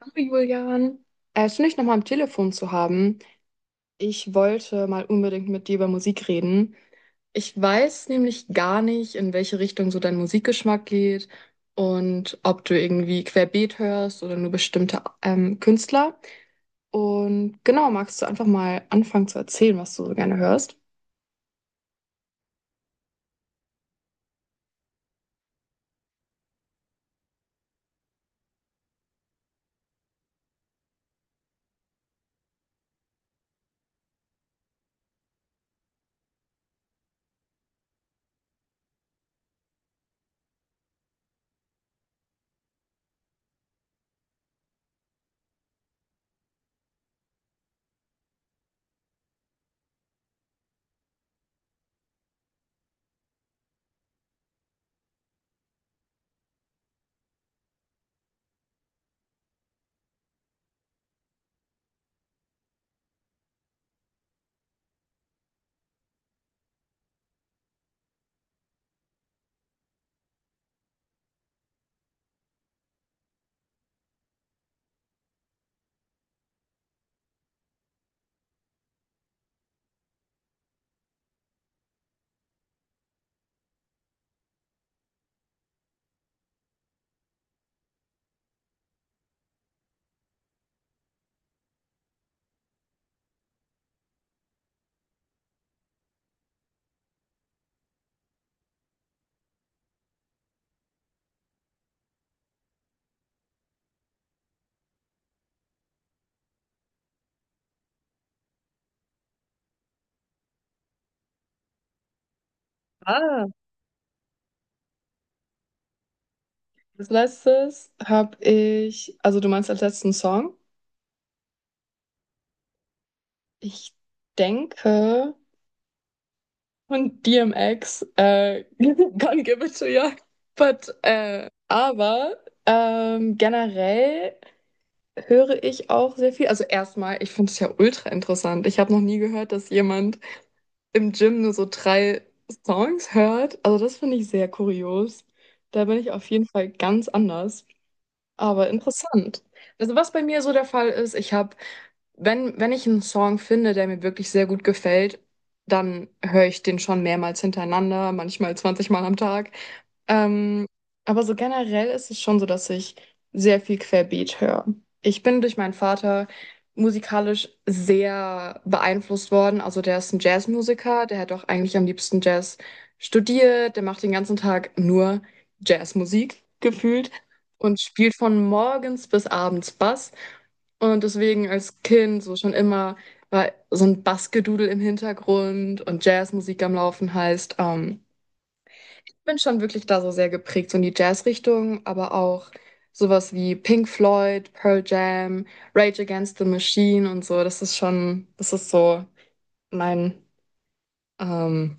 Hallo Julian, schön, dich nochmal am Telefon zu haben. Ich wollte mal unbedingt mit dir über Musik reden. Ich weiß nämlich gar nicht, in welche Richtung so dein Musikgeschmack geht und ob du irgendwie querbeet hörst oder nur bestimmte Künstler. Und genau, magst du einfach mal anfangen zu erzählen, was du so gerne hörst? Ah, als letztes habe ich, also du meinst als letzten Song? Ich denke. Und DMX, can't give it to you. But, generell höre ich auch sehr viel. Also erstmal, ich finde es ja ultra interessant. Ich habe noch nie gehört, dass jemand im Gym nur so drei Songs hört. Also das finde ich sehr kurios. Da bin ich auf jeden Fall ganz anders. Aber interessant. Also was bei mir so der Fall ist, ich habe, wenn ich einen Song finde, der mir wirklich sehr gut gefällt, dann höre ich den schon mehrmals hintereinander, manchmal 20 Mal am Tag. Ähm, aber so generell ist es schon so, dass ich sehr viel Querbeet höre. Ich bin durch meinen Vater musikalisch sehr beeinflusst worden. Also der ist ein Jazzmusiker, der hat auch eigentlich am liebsten Jazz studiert, der macht den ganzen Tag nur Jazzmusik gefühlt und spielt von morgens bis abends Bass. Und deswegen als Kind so schon immer war so ein Bassgedudel im Hintergrund und Jazzmusik am Laufen heißt, bin schon wirklich da so sehr geprägt, so in die Jazzrichtung, aber auch sowas wie Pink Floyd, Pearl Jam, Rage Against the Machine und so. Das ist schon, das ist so mein, ähm,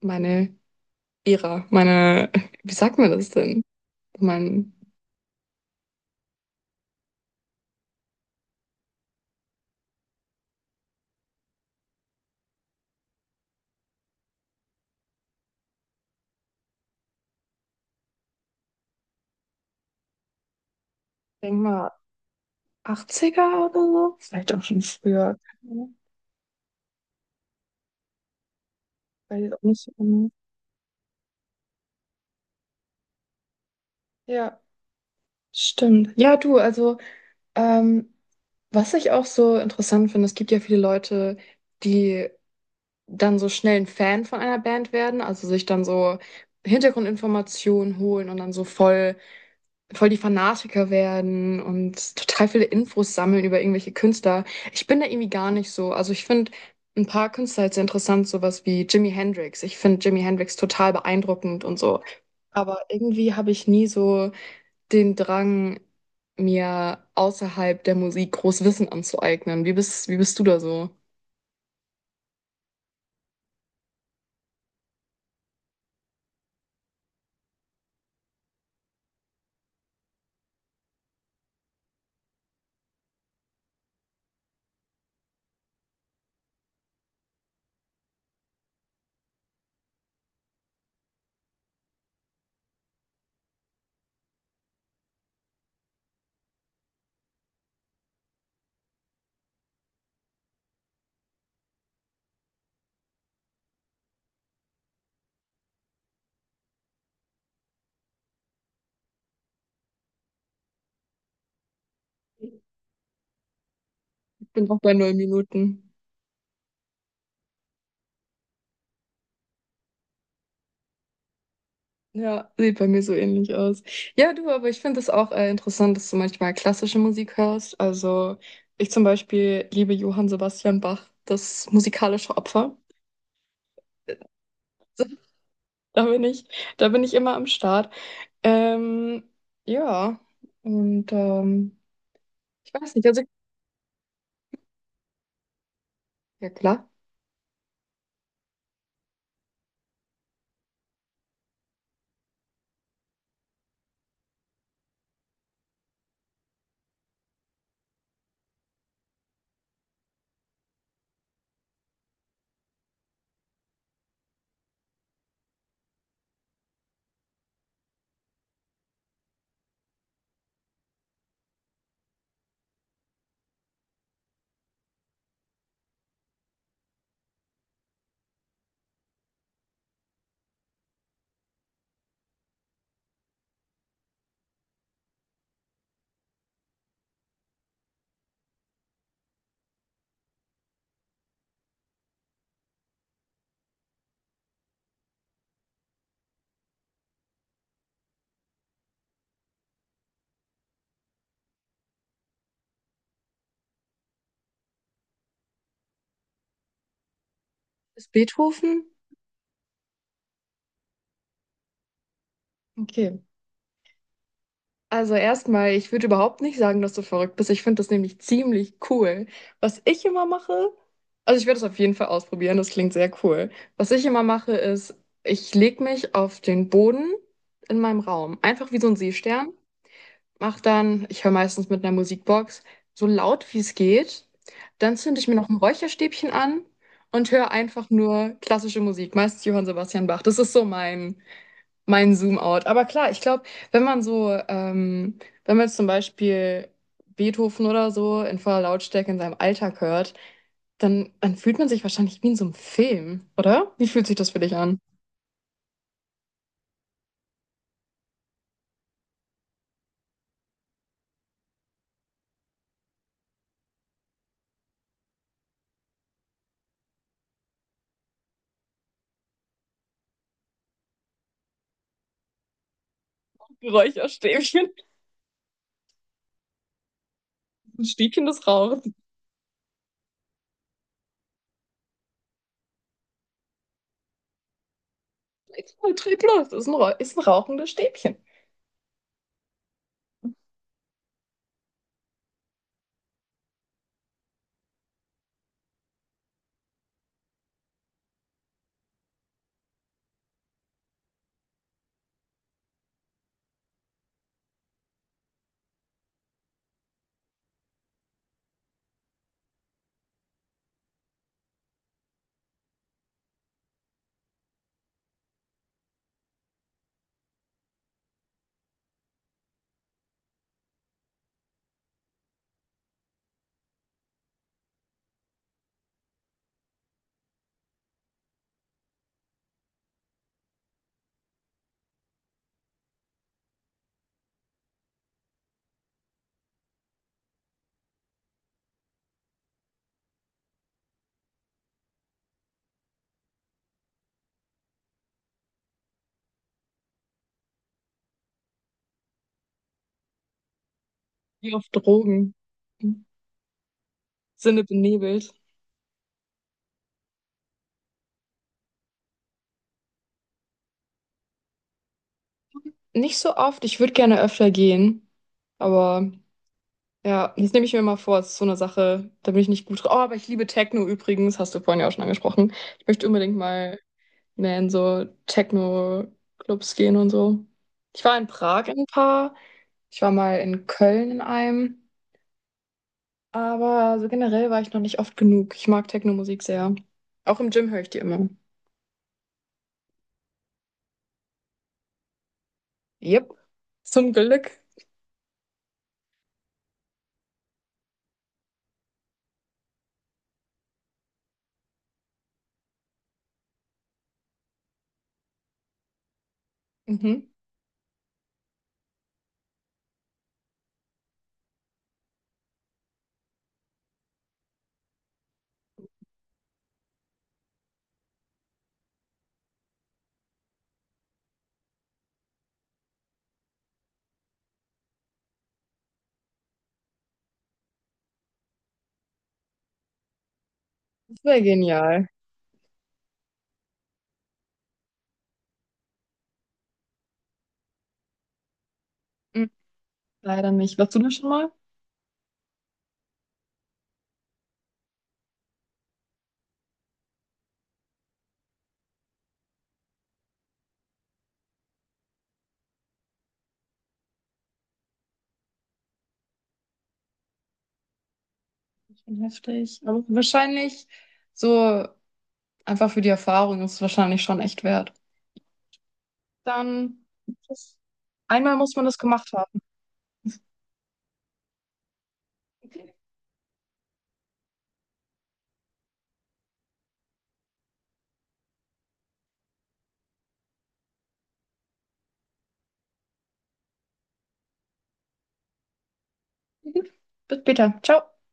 meine Ära, meine, wie sagt man das denn? Mein, denk mal, Achtziger oder so? Vielleicht auch schon früher. Keine Ahnung. Weiß ich auch nicht so genau. Ja, stimmt. Ja, du, also, ähm, was ich auch so interessant finde, es gibt ja viele Leute, die dann so schnell ein Fan von einer Band werden, also sich dann so Hintergrundinformationen holen und dann so voll die Fanatiker werden und total viele Infos sammeln über irgendwelche Künstler. Ich bin da irgendwie gar nicht so. Also ich finde ein paar Künstler jetzt interessant, sowas wie Jimi Hendrix. Ich finde Jimi Hendrix total beeindruckend und so. Aber irgendwie habe ich nie so den Drang, mir außerhalb der Musik groß Wissen anzueignen. Wie bist du da so? Ich bin auch bei neun Minuten. Ja, sieht bei mir so ähnlich aus. Ja, du, aber ich finde es auch interessant, dass du manchmal klassische Musik hörst. Also ich zum Beispiel liebe Johann Sebastian Bach, das musikalische Opfer. Da bin ich, da bin ich immer am Start. Ähm, ja, und ich weiß nicht, also ja klar, ist Beethoven? Okay. Also erstmal, ich würde überhaupt nicht sagen, dass du verrückt bist. Ich finde das nämlich ziemlich cool. Was ich immer mache, also ich werde es auf jeden Fall ausprobieren, das klingt sehr cool. Was ich immer mache, ist, ich lege mich auf den Boden in meinem Raum, einfach wie so ein Seestern, mache dann, ich höre meistens mit einer Musikbox, so laut wie es geht. Dann zünde ich mir noch ein Räucherstäbchen an und höre einfach nur klassische Musik, meist Johann Sebastian Bach. Das ist so mein Zoom-out. Aber klar, ich glaube, wenn man so, wenn man jetzt zum Beispiel Beethoven oder so in voller Lautstärke in seinem Alltag hört, dann fühlt man sich wahrscheinlich wie in so einem Film, oder? Wie fühlt sich das für dich an? Räucherstäbchen, ein Stäbchen des Rauchens. Trieb los, das ist ein, Rauch- ist ein rauchendes Stäbchen. Wie auf Drogen. Sinne benebelt. Nicht so oft, ich würde gerne öfter gehen, aber. Ja, das nehme ich mir mal vor. Das ist so eine Sache, da bin ich nicht gut drin. Oh, aber ich liebe Techno übrigens, hast du vorhin ja auch schon angesprochen. Ich möchte unbedingt mal mehr in so Techno-Clubs gehen und so. Ich war in Prag in ein paar, ich war mal in Köln in einem, aber so generell war ich noch nicht oft genug. Ich mag Techno-Musik sehr. Auch im Gym höre ich die immer. Yep, zum Glück. Mhm. Das wäre genial. Mhm. Leider nicht. Warst du da schon mal? Schon heftig. Aber wahrscheinlich so. Einfach für die Erfahrung ist es wahrscheinlich schon echt wert. Dann, das, einmal muss man das gemacht haben. Gut, bis später. Ciao.